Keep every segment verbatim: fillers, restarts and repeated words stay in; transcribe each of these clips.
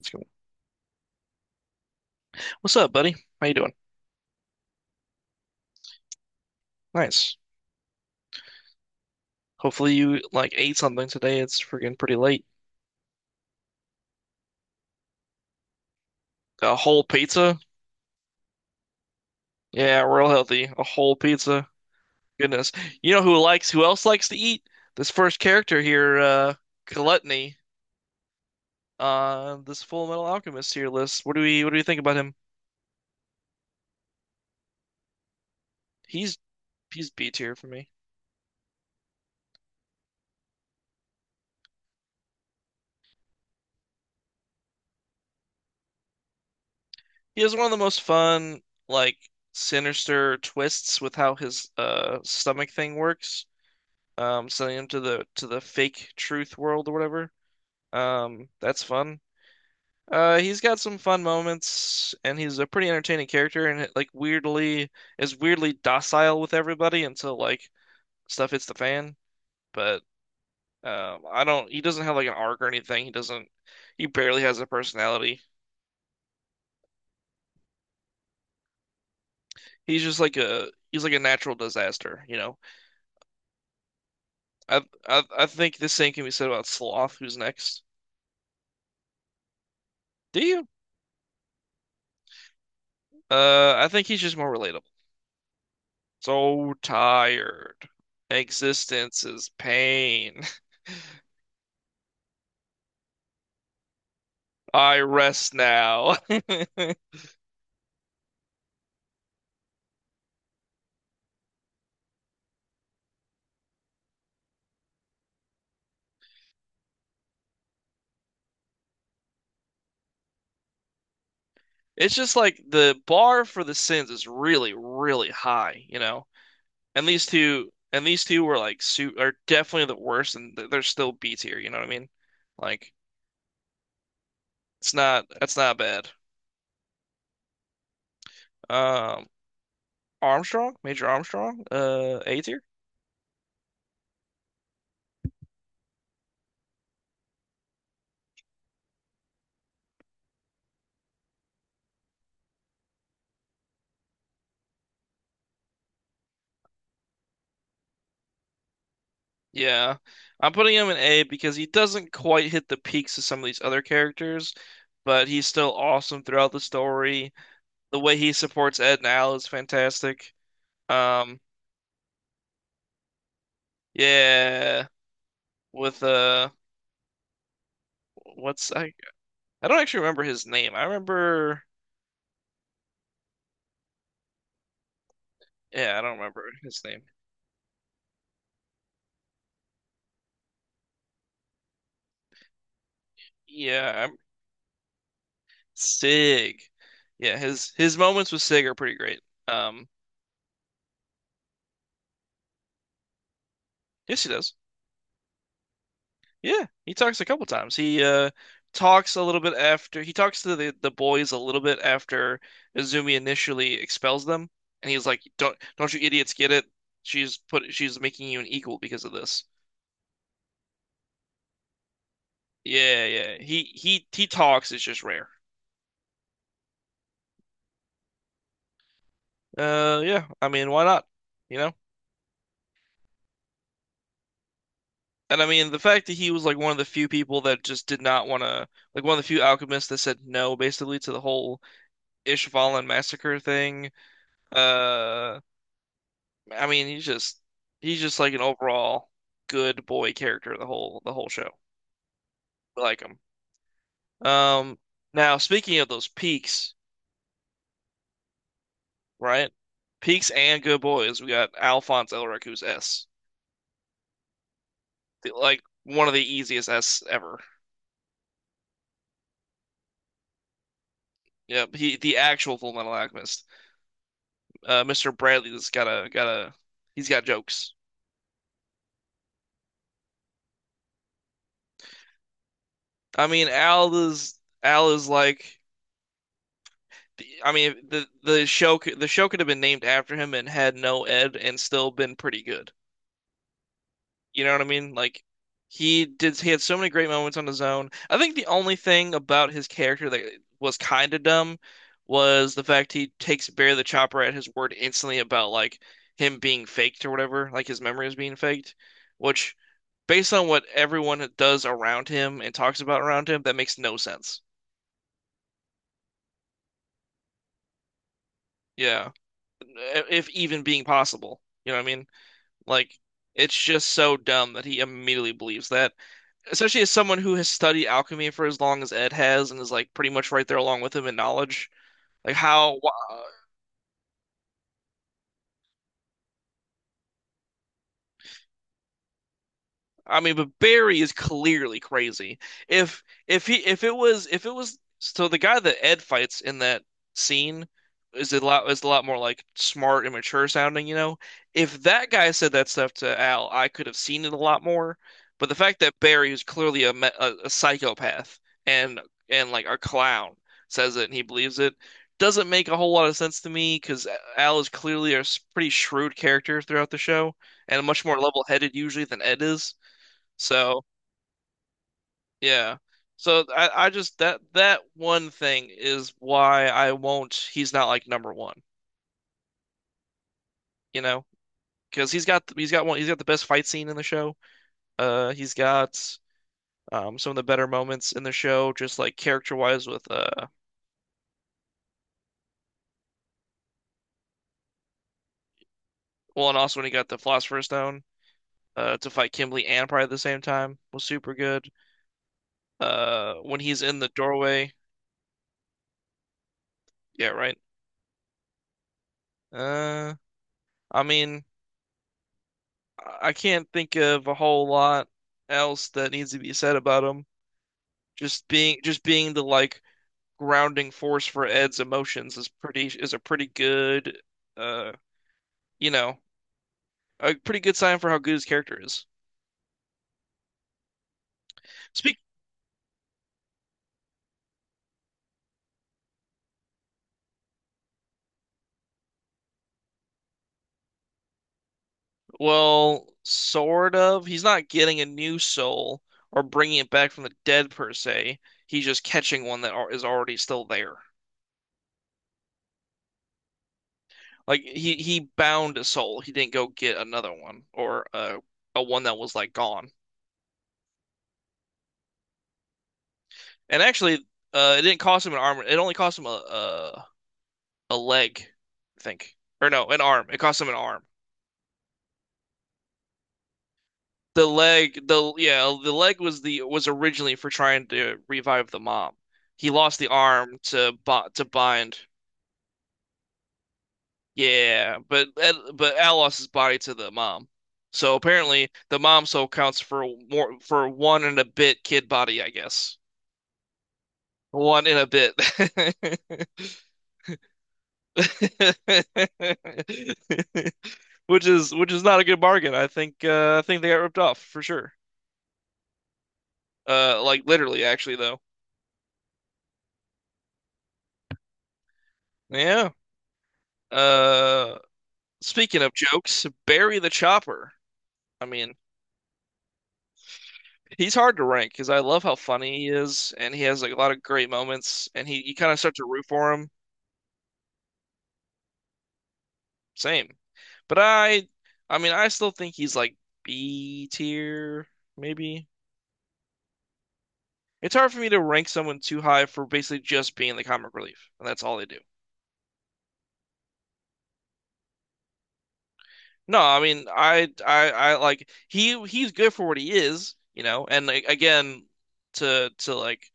Let's go. What's up, buddy? How you doing? Nice. Hopefully you like ate something today. It's freaking pretty late. A whole pizza? Yeah, real healthy. A whole pizza. Goodness. You know who likes who else likes to eat? This first character here, uh, Gluttony, uh, this Full Metal Alchemist tier list. What do we what do we think about him? He's he's B tier for me. He has one of the most fun, like sinister twists with how his uh stomach thing works. Um, sending him to the to the fake truth world or whatever. Um, that's fun. Uh, he's got some fun moments, and he's a pretty entertaining character, and like weirdly is weirdly docile with everybody until like stuff hits the fan. But um, I don't. He doesn't have like an arc or anything. He doesn't. He barely has a personality. He's just like a he's like a natural disaster, you know. I I I think the same can be said about Sloth, who's next. Do you? Uh, I think he's just more relatable. So tired. Existence is pain. I rest now. It's just like the bar for the sins is really, really high, you know. And these two, and these two were like su are definitely the worst, and th- they're still B tier. You know what I mean? Like it's not that's not bad. Um, Armstrong, Major Armstrong, uh, A tier. Yeah, I'm putting him in A because he doesn't quite hit the peaks of some of these other characters, but he's still awesome throughout the story. The way he supports Ed and Al is fantastic. Um, Yeah, with uh, what's I? I don't actually remember his name. I remember. Yeah, I don't remember his name. Yeah, I'm Sig. Yeah, his his moments with Sig are pretty great. Um, yes, he does. Yeah, he talks a couple times. He uh Talks a little bit after he talks to the the boys a little bit after Izumi initially expels them, and he's like, "Don't don't you idiots get it? She's put she's making you an equal because of this." Yeah, yeah. He he he talks. It's just rare. Uh, yeah. I mean, why not? You know? And I mean, the fact that he was like one of the few people that just did not want to, like one of the few alchemists that said no, basically, to the whole Ishvalan massacre thing. Uh, I mean, he's just he's just like an overall good boy character the whole the whole show. I like him. Um, Now speaking of those peaks, right? Peaks and good boys, we got Alphonse Elric, who's S. The- like one of the easiest S ever. Yep, he the actual Full Metal Alchemist. uh, Mister Bradley's got a got a he's got jokes. I mean, Al is Al is like I mean the the show the show could have been named after him and had no Ed and still been pretty good. You know what I mean? Like he did he had so many great moments on his own. I think the only thing about his character that was kind of dumb was the fact he takes Bear the Chopper at his word instantly about like him being faked or whatever, like his memory is being faked, which based on what everyone does around him and talks about around him, that makes no sense. Yeah. E, If even being possible. You know what I mean? Like it's just so dumb that he immediately believes that, especially as someone who has studied alchemy for as long as Ed has and is like pretty much right there along with him in knowledge. Like how I mean, but Barry is clearly crazy. If if he if it was if it was so The guy that Ed fights in that scene is a lot is a lot more like smart and mature sounding, you know. If that guy said that stuff to Al, I could have seen it a lot more. But the fact that Barry, who's clearly a me- a, a psychopath and and like a clown, says it and he believes it doesn't make a whole lot of sense to me because Al is clearly a s- pretty shrewd character throughout the show and much more level-headed usually than Ed is. So yeah. So I, I just that that one thing is why I won't he's not like number one, you know? Because he's got he's got one he's got the best fight scene in the show. Uh he's got um some of the better moments in the show, just like character wise with uh well, and also when he got the Philosopher's Stone uh to fight Kimberly and Pride at the same time was super good. Uh when he's in the doorway, yeah, right. Uh I mean I I can't think of a whole lot else that needs to be said about him. Just being just being the like grounding force for Ed's emotions is pretty is a pretty good uh you know a pretty good sign for how good his character is. Speak Well, sort of. He's not getting a new soul or bringing it back from the dead per se. He's just catching one that is already still there. Like he he bound a soul. He didn't go get another one or uh, a one that was like gone. And actually, uh, it didn't cost him an arm. It only cost him a, a a leg, I think. Or no, an arm. It cost him an arm. The leg, the yeah, the leg was the was originally for trying to revive the mom. He lost the arm to bo to bind. Yeah, but but Al lost his body to the mom. So apparently the mom soul counts for more for one and a bit kid body, I guess. One and a bit. Which is which is not a good bargain. I think uh, I think they got ripped off for sure. Uh, like literally, actually, though. Yeah. Uh, Speaking of jokes, Barry the Chopper. I mean, he's hard to rank because I love how funny he is, and he has like a lot of great moments, and he you kind of start to root for him. Same, but I, I mean, I still think he's like B tier, maybe. It's hard for me to rank someone too high for basically just being the comic relief, and that's all they do. No, I mean, I, I, I like he he's good for what he is, you know. And like, again, to to like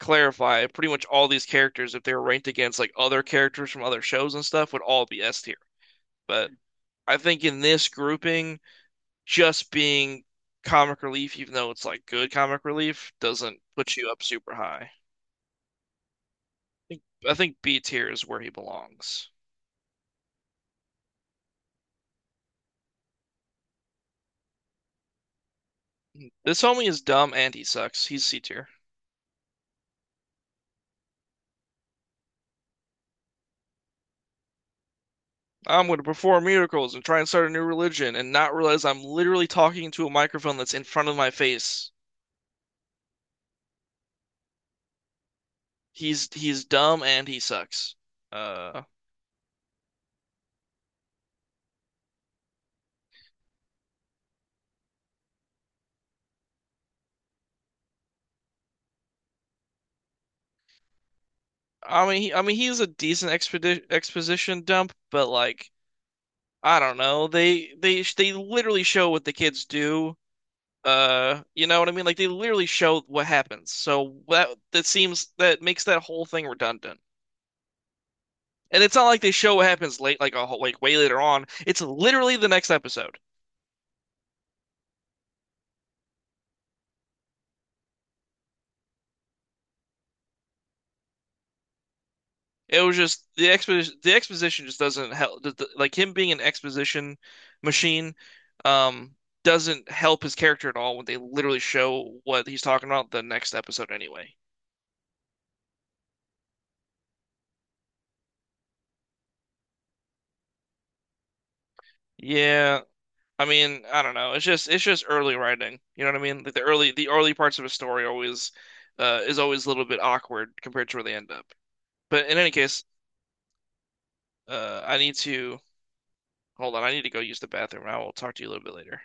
clarify, pretty much all these characters, if they were ranked against like other characters from other shows and stuff, would all be S tier. But I think in this grouping, just being comic relief, even though it's like good comic relief, doesn't put you up super high. I think I think B tier is where he belongs. This homie is dumb and he sucks. He's C tier. I'm going to perform miracles and try and start a new religion and not realize I'm literally talking to a microphone that's in front of my face. He's he's dumb and he sucks. Uh, I mean, he, I mean, he's a decent expedi exposition dump, but like, I don't know. They they they literally show what the kids do. Uh, you know what I mean? Like they literally show what happens. So that that seems that makes that whole thing redundant. And it's not like they show what happens late, like a whole, like way later on. It's literally the next episode. It was just the exposition. The exposition just doesn't help. th- th- Like him being an exposition machine, um, doesn't help his character at all when they literally show what he's talking about the next episode anyway. Yeah, I mean, I don't know. It's just it's just early writing. You know what I mean? Like the early the early parts of a story always, uh, is always a little bit awkward compared to where they end up. But in any case, uh, I need to hold on. I need to go use the bathroom. I will talk to you a little bit later.